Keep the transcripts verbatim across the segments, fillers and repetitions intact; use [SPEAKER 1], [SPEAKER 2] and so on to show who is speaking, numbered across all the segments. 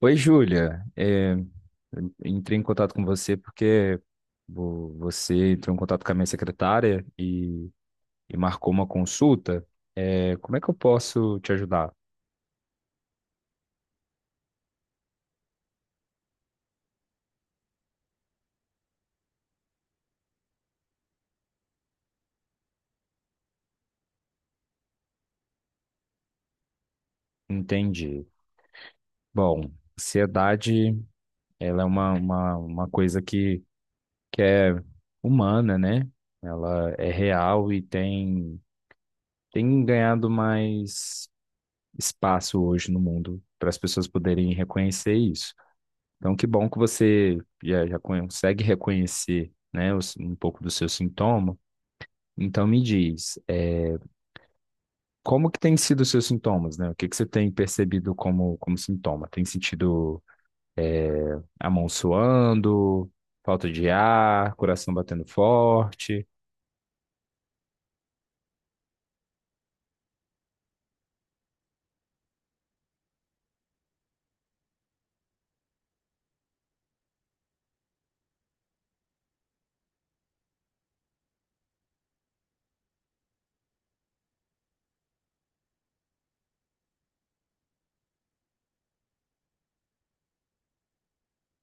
[SPEAKER 1] Oi, Júlia. É, eu entrei em contato com você porque vo- você entrou em contato com a minha secretária e, e marcou uma consulta. É, como é que eu posso te ajudar? Entendi. Bom, ansiedade, ela é uma, uma, uma coisa que, que é humana, né? Ela é real e tem, tem ganhado mais espaço hoje no mundo para as pessoas poderem reconhecer isso. Então, que bom que você já, já consegue reconhecer, né, os- um pouco do seu sintoma. Então, me diz, é, como que têm sido os seus sintomas, né? O que que você tem percebido como, como sintoma? Tem sentido a mão suando, falta de ar, coração batendo forte?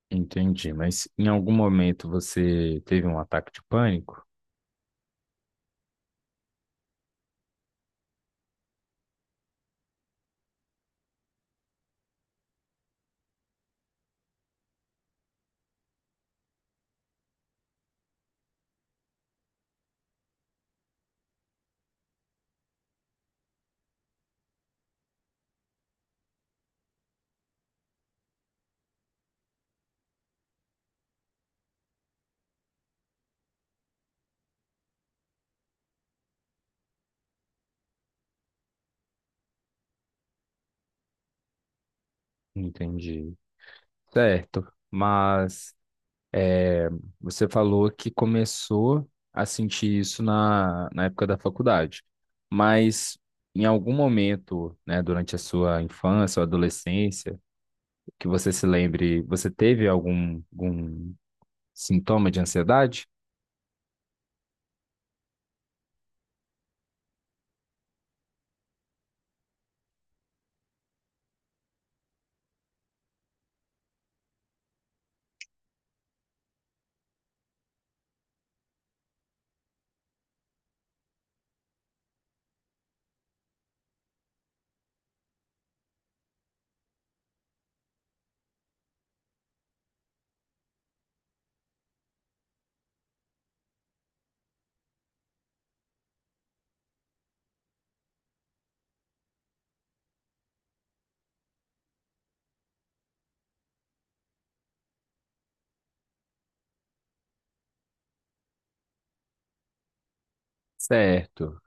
[SPEAKER 1] Entendi, mas em algum momento você teve um ataque de pânico? Entendi. Certo, mas É, você falou que começou a sentir isso na, na época da faculdade, mas em algum momento, né, durante a sua infância ou adolescência, que você se lembre, você teve algum, algum sintoma de ansiedade? Certo.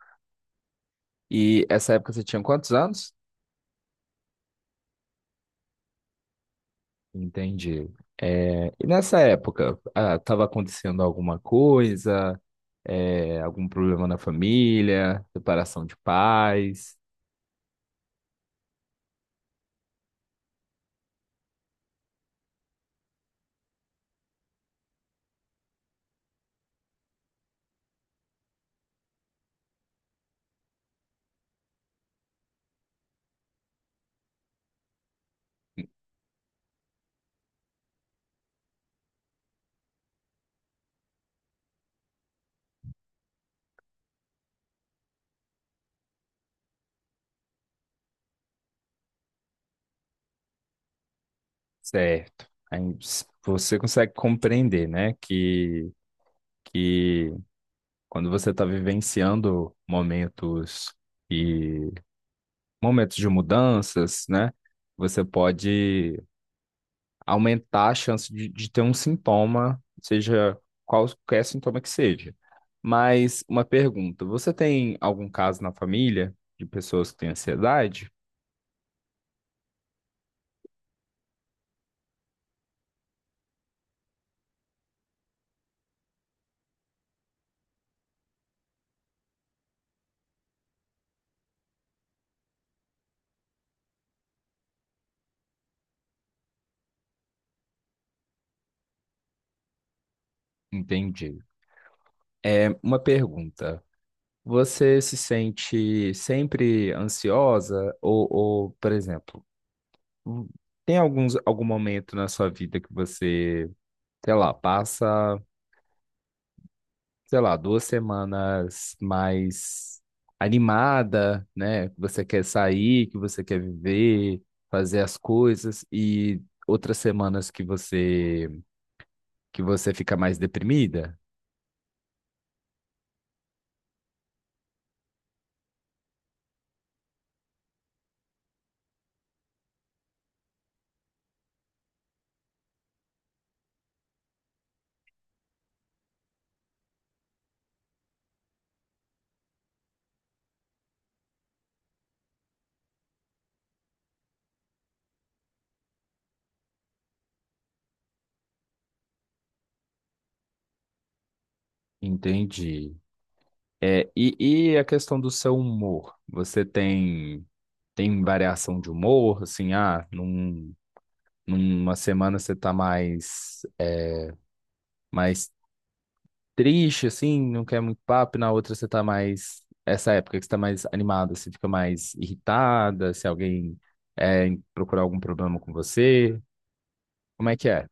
[SPEAKER 1] E essa época você tinha quantos anos? Entendi. É, e nessa época, estava acontecendo alguma coisa, É, algum problema na família, separação de pais? Certo. Aí s- você consegue compreender, né, que, que quando você está vivenciando momentos e momentos de mudanças, né, você pode aumentar a chance de, de ter um sintoma, seja qualquer sintoma que seja. Mas uma pergunta, você tem algum caso na família de pessoas que têm ansiedade? Entendi. É uma pergunta. Você se sente sempre ansiosa? Ou, ou, por exemplo, hum, tem alguns, algum momento na sua vida que você, sei lá, passa, sei lá, duas semanas mais animada, né? Que você quer sair, que você quer viver, fazer as coisas, e outras semanas que você, que você fica mais deprimida? Entendi. É, e, e a questão do seu humor? Você tem tem variação de humor? Assim, ah, num, numa semana você tá mais, é, mais triste, assim, não quer muito papo, e na outra você tá mais. Essa época que você tá mais animada, você fica mais irritada, se alguém é, procurar algum problema com você. Como é que é?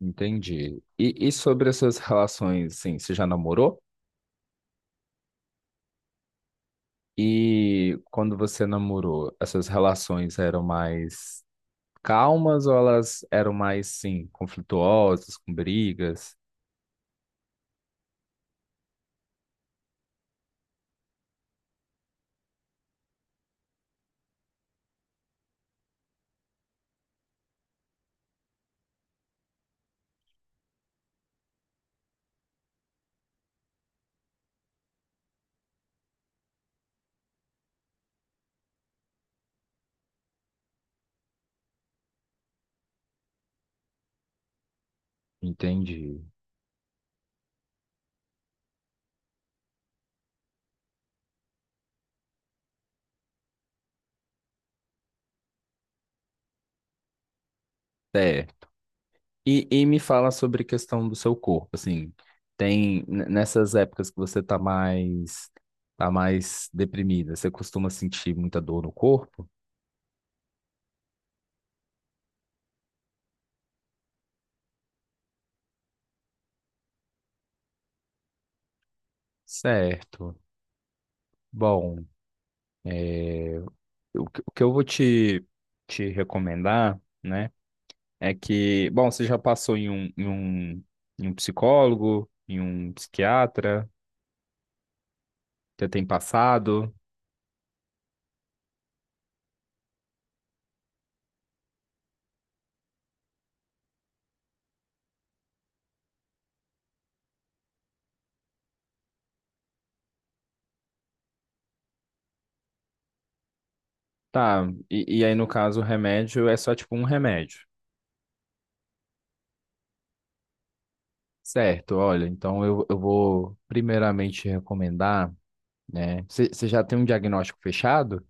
[SPEAKER 1] Entendi. E, e sobre as suas relações, assim, você já namorou? E quando você namorou, as suas relações eram mais calmas ou elas eram mais, sim, conflituosas, com brigas? Entendi. É. E, e me fala sobre a questão do seu corpo, assim, tem n- nessas épocas que você tá mais tá mais deprimida, você costuma sentir muita dor no corpo? Certo. Bom, é, o, que o que eu vou te, te recomendar, né, é que, bom, você já passou em um, em um, em um psicólogo, em um psiquiatra, você tem passado? Tá, e, e aí no caso o remédio é só tipo um remédio. Certo, olha, então eu, eu vou primeiramente recomendar, né? Você já tem um diagnóstico fechado?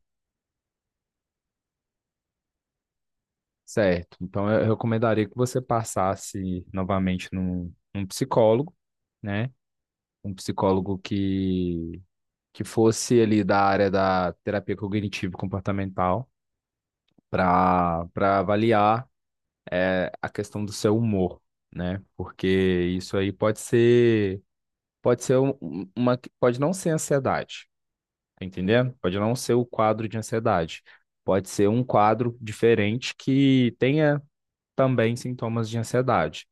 [SPEAKER 1] Certo, então eu, eu recomendaria que você passasse novamente num, num psicólogo, né? Um psicólogo que, que fosse ali da área da terapia cognitivo-comportamental para para avaliar é, a questão do seu humor, né? Porque isso aí pode ser. Pode ser um- um- uma, pode não ser ansiedade, tá entendendo? Pode não ser o quadro de ansiedade. Pode ser um quadro diferente que tenha também sintomas de ansiedade,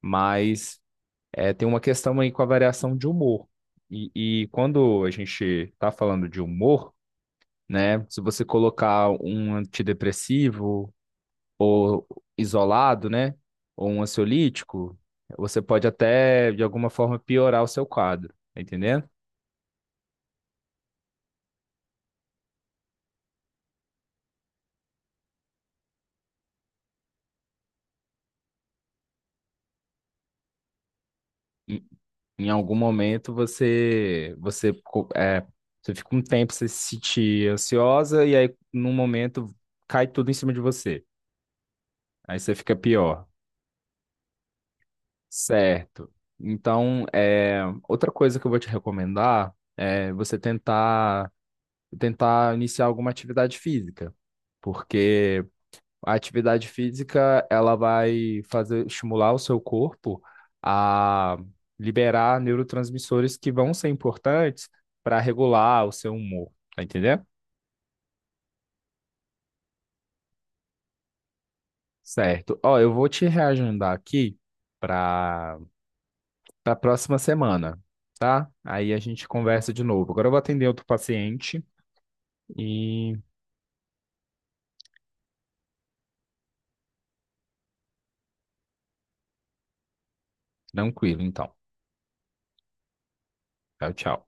[SPEAKER 1] mas é, tem uma questão aí com a variação de humor. E, e quando a gente está falando de humor, né? Se você colocar um antidepressivo ou isolado, né? Ou um ansiolítico, você pode até de alguma forma piorar o seu quadro, tá entendendo? Em algum momento você você co- é, você fica um tempo você se sentir ansiosa e aí num momento cai tudo em cima de você. Aí você fica pior. Certo. Então, é, outra coisa que eu vou te recomendar é você tentar tentar iniciar alguma atividade física, porque a atividade física, ela vai fazer estimular o seu corpo a liberar neurotransmissores que vão ser importantes para regular o seu humor, tá entendendo? Certo. Ó, eu vou te reagendar aqui para para próxima semana, tá? Aí a gente conversa de novo. Agora eu vou atender outro paciente e tranquilo, então. Tchau, tchau.